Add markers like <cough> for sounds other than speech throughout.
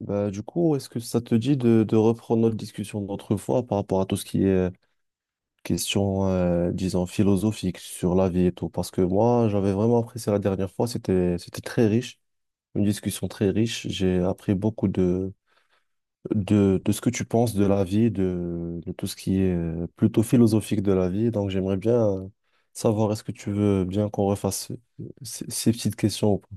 Bah, du coup, est-ce que ça te dit de reprendre notre discussion d'autrefois par rapport à tout ce qui est question, disons, philosophique sur la vie et tout? Parce que moi, j'avais vraiment apprécié la dernière fois, c'était très riche, une discussion très riche. J'ai appris beaucoup de ce que tu penses de la vie, de tout ce qui est plutôt philosophique de la vie. Donc, j'aimerais bien, savoir, est-ce que tu veux bien qu'on refasse ces petites questions? Ou pas.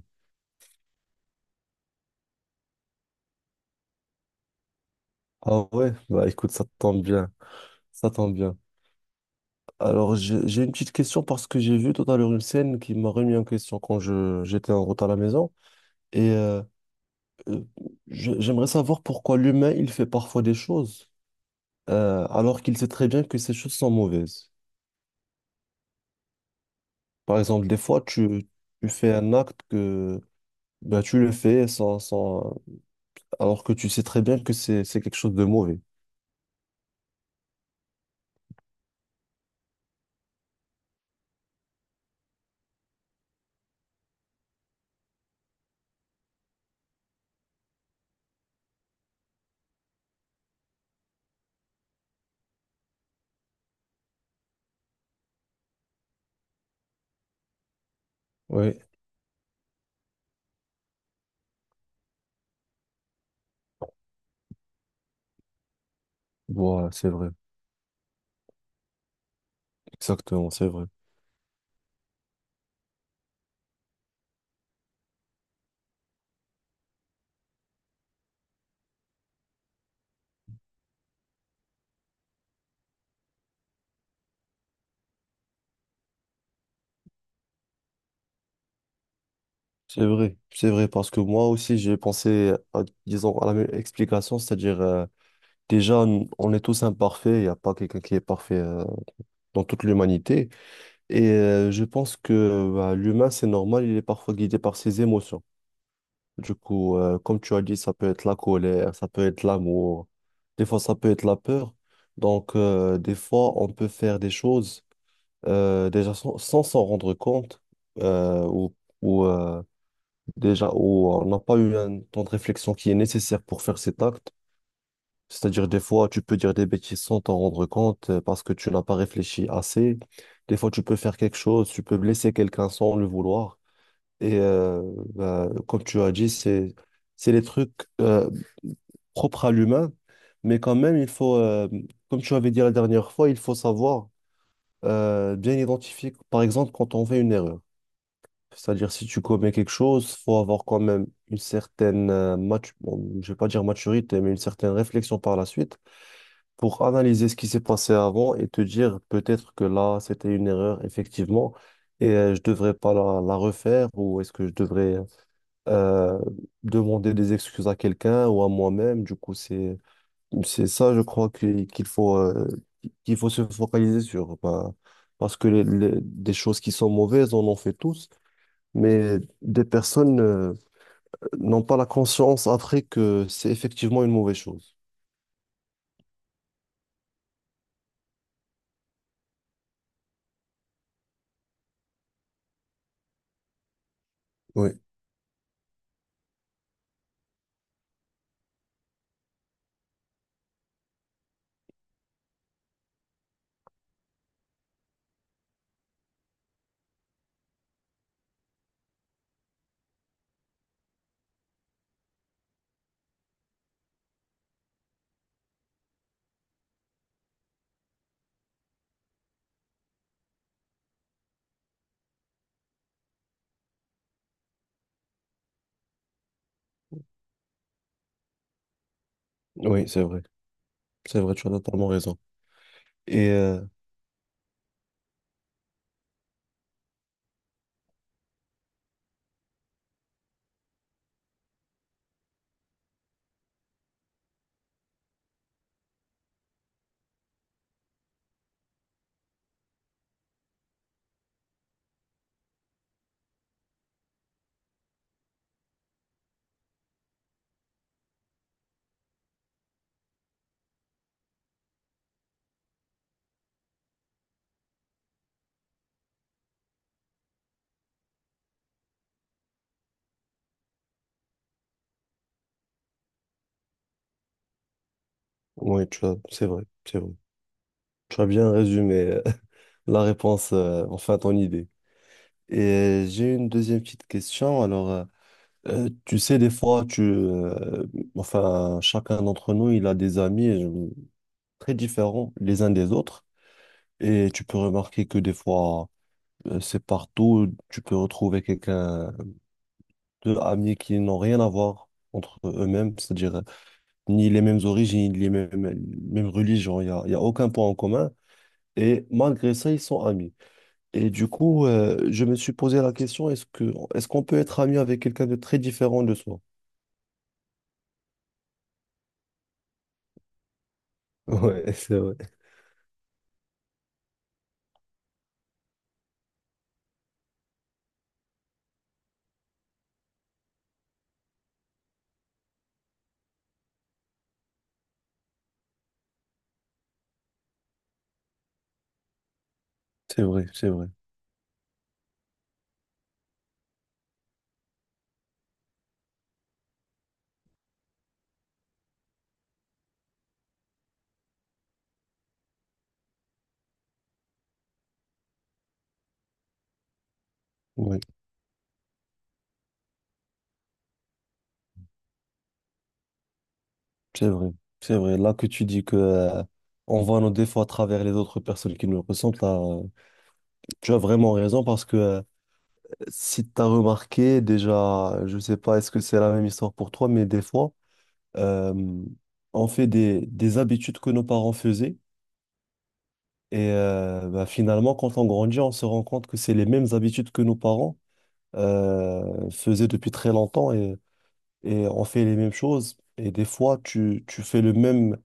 Ah ouais, bah écoute, ça tombe bien. Alors, j'ai une petite question parce que j'ai vu tout à l'heure une scène qui m'a remis en question quand j'étais en route à la maison. Et euh, euh, J'aimerais savoir pourquoi l'humain, il fait parfois des choses, alors qu'il sait très bien que ces choses sont mauvaises. Par exemple, des fois, tu fais un acte que, ben, tu le fais sans, sans, alors que tu sais très bien que c'est quelque chose de mauvais. Oui, voilà, c'est vrai. Exactement, c'est vrai. C'est vrai, c'est vrai, parce que moi aussi, j'ai pensé à, disons, à la même explication, c'est-à-dire déjà, on est tous imparfaits, il n'y a pas quelqu'un qui est parfait, dans toute l'humanité. Et je pense que, bah, l'humain, c'est normal, il est parfois guidé par ses émotions. Du coup, comme tu as dit, ça peut être la colère, ça peut être l'amour, des fois ça peut être la peur. Donc, des fois, on peut faire des choses, déjà sans s'en rendre compte, euh, ou, ou, euh, déjà où on n'a pas eu un temps de réflexion qui est nécessaire pour faire cet acte. C'est-à-dire, des fois, tu peux dire des bêtises sans t'en rendre compte, parce que tu n'as pas réfléchi assez. Des fois, tu peux faire quelque chose, tu peux blesser quelqu'un sans le vouloir. Et bah, comme tu as dit, c'est des trucs, euh, propres à l'humain. Mais quand même, il faut, comme tu avais dit la dernière fois, il faut savoir, bien identifier, par exemple, quand on fait une erreur. C'est-à-dire, si tu commets quelque chose, faut avoir quand même une certaine, bon, je vais pas dire maturité, mais une certaine réflexion par la suite pour analyser ce qui s'est passé avant et te dire peut-être que là, c'était une erreur, effectivement, et je devrais pas la refaire, ou est-ce que je devrais, euh, demander des excuses à quelqu'un ou à moi-même. Du coup, c'est ça, je crois, qu'il faut se focaliser sur. Bah, parce que des choses qui sont mauvaises, on en fait tous. Mais des personnes, n'ont pas la conscience après que c'est effectivement une mauvaise chose. Oui, oui, c'est vrai. C'est vrai, tu as totalement raison. Et euh, oui, tu as, c'est vrai, c'est vrai. Tu as bien résumé, <laughs> la réponse, enfin ton idée. Et j'ai une deuxième petite question. Alors, tu sais, des fois, enfin, chacun d'entre nous, il a des amis, très différents les uns des autres. Et tu peux remarquer que des fois, c'est partout, tu peux retrouver quelqu'un, deux amis qui n'ont rien à voir entre eux-mêmes, c'est-à-dire, ni les mêmes origines, ni mêmes religions, il y a aucun point en commun. Et malgré ça, ils sont amis. Et du coup, je me suis posé la question, est-ce qu'on peut être ami avec quelqu'un de très différent de soi? <laughs> Ouais, c'est vrai. C'est vrai, c'est vrai. Oui, c'est vrai. C'est vrai. Là que tu dis que, on voit nos défauts à travers les autres personnes qui nous ressemblent, là, tu as vraiment raison parce que, si tu as remarqué, déjà, je sais pas, est-ce que c'est la même histoire pour toi, mais des fois, euh, on fait des habitudes que nos parents faisaient. Et bah, finalement, quand on grandit, on se rend compte que c'est les mêmes habitudes que nos parents, faisaient depuis très longtemps et on fait les mêmes choses. Et des fois, tu fais le même,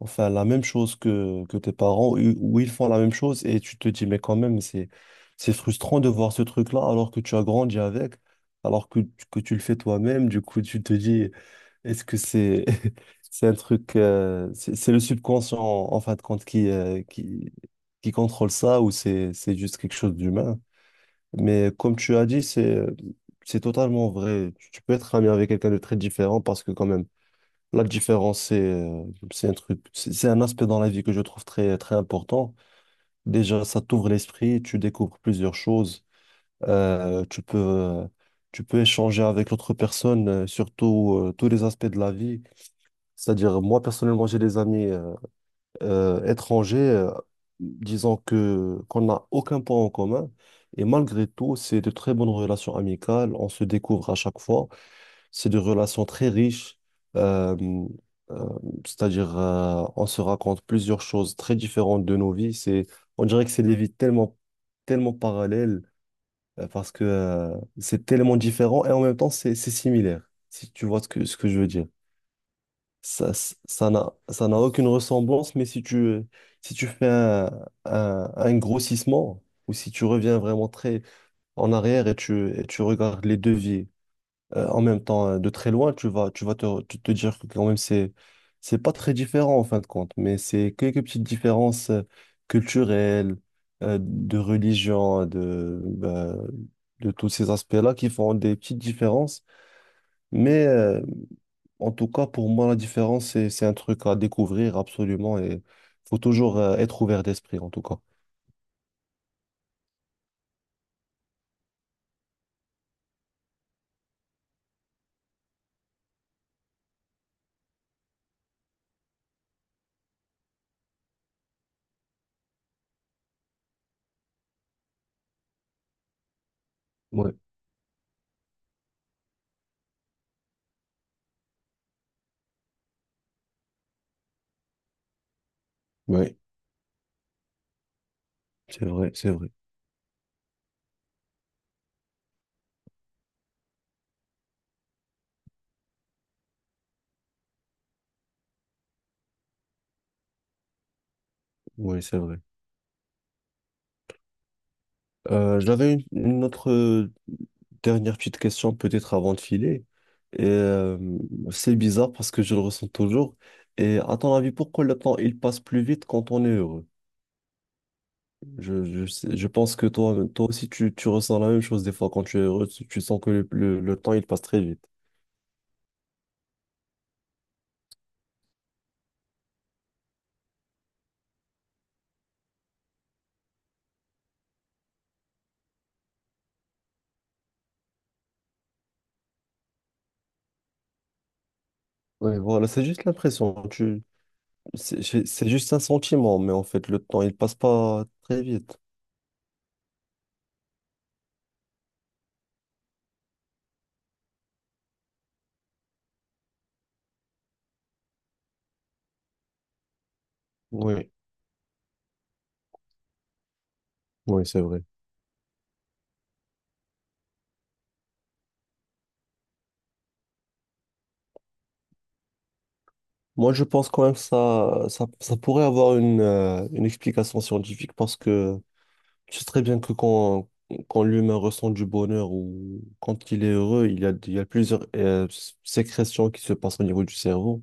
enfin, la même chose que tes parents, ou ils font la même chose et tu te dis, mais quand même, c'est frustrant de voir ce truc-là alors que tu as grandi avec, alors que, que tu le fais toi-même. Du coup, tu te dis, est-ce que c'est <laughs> c'est un truc, c'est le subconscient en fin de compte qui contrôle ça, ou c'est juste quelque chose d'humain? Mais comme tu as dit, c'est, c'est totalement vrai. Tu peux être ami avec quelqu'un de très différent parce que quand même la différence c'est, c'est un truc, c'est un aspect dans la vie que je trouve très très important. Déjà, ça t'ouvre l'esprit, tu découvres plusieurs choses. Euh, tu peux euh, Tu peux échanger avec l'autre personne, sur tout, tous les aspects de la vie. C'est-à-dire, moi, personnellement, j'ai des amis, étrangers, disons que qu'on n'a aucun point en commun. Et malgré tout, c'est de très bonnes relations amicales. On se découvre à chaque fois. C'est des relations très riches. euh, euh, on se raconte plusieurs choses très différentes de nos vies. C'est, on dirait que c'est des vies tellement parallèles, parce que, c'est tellement différent et en même temps, c'est similaire. Si tu vois ce ce que je veux dire. Ça, ça n'a aucune ressemblance, mais si tu fais un grossissement, ou si tu reviens vraiment très en arrière et et tu regardes les devis, en même temps, de très loin, tu vas tu te dire que quand même c'est pas très différent en fin de compte, mais c'est quelques petites différences, culturelles, de religion, de, bah, de tous ces aspects-là qui font des petites différences. Mais, en tout cas, pour moi, la différence, c'est un truc à découvrir absolument et faut toujours, être ouvert d'esprit, en tout cas. Ouais. Oui, c'est vrai, c'est vrai. Oui, c'est vrai. J'avais une autre, dernière petite question, peut-être avant de filer. Et, c'est bizarre parce que je le ressens toujours. Et à ton avis, pourquoi le temps, il passe plus vite quand on est heureux? Je pense que toi, toi aussi, tu ressens la même chose des fois quand tu es heureux, tu sens que le temps, il passe très vite. Oui, voilà, c'est juste l'impression. C'est c'est juste un sentiment, mais en fait, le temps, il passe pas très vite. Oui, oui, c'est vrai. Moi, je pense quand même ça pourrait avoir une explication scientifique parce que tu sais très bien que quand l'humain ressent du bonheur ou quand il est heureux, il y a plusieurs, sécrétions qui se passent au niveau du cerveau.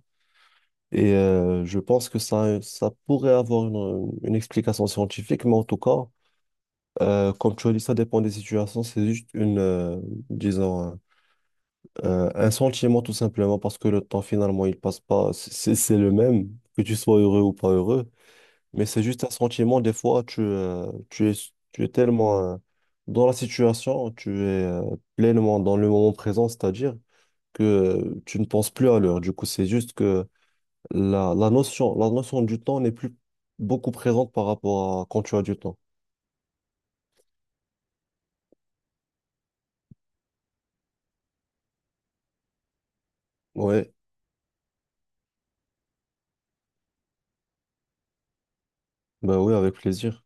Et je pense que ça pourrait avoir une explication scientifique, mais en tout cas, comme tu as dit, ça dépend des situations. C'est juste une, disons, un sentiment tout simplement parce que le temps finalement, il passe pas. C'est c'est le même, que tu sois heureux ou pas heureux. Mais c'est juste un sentiment, des fois, tu es tellement, dans la situation, tu es, pleinement dans le moment présent, c'est-à-dire que, tu ne penses plus à l'heure. Du coup, c'est juste que la notion du temps n'est plus beaucoup présente par rapport à quand tu as du temps. Ouais, bah oui, avec plaisir.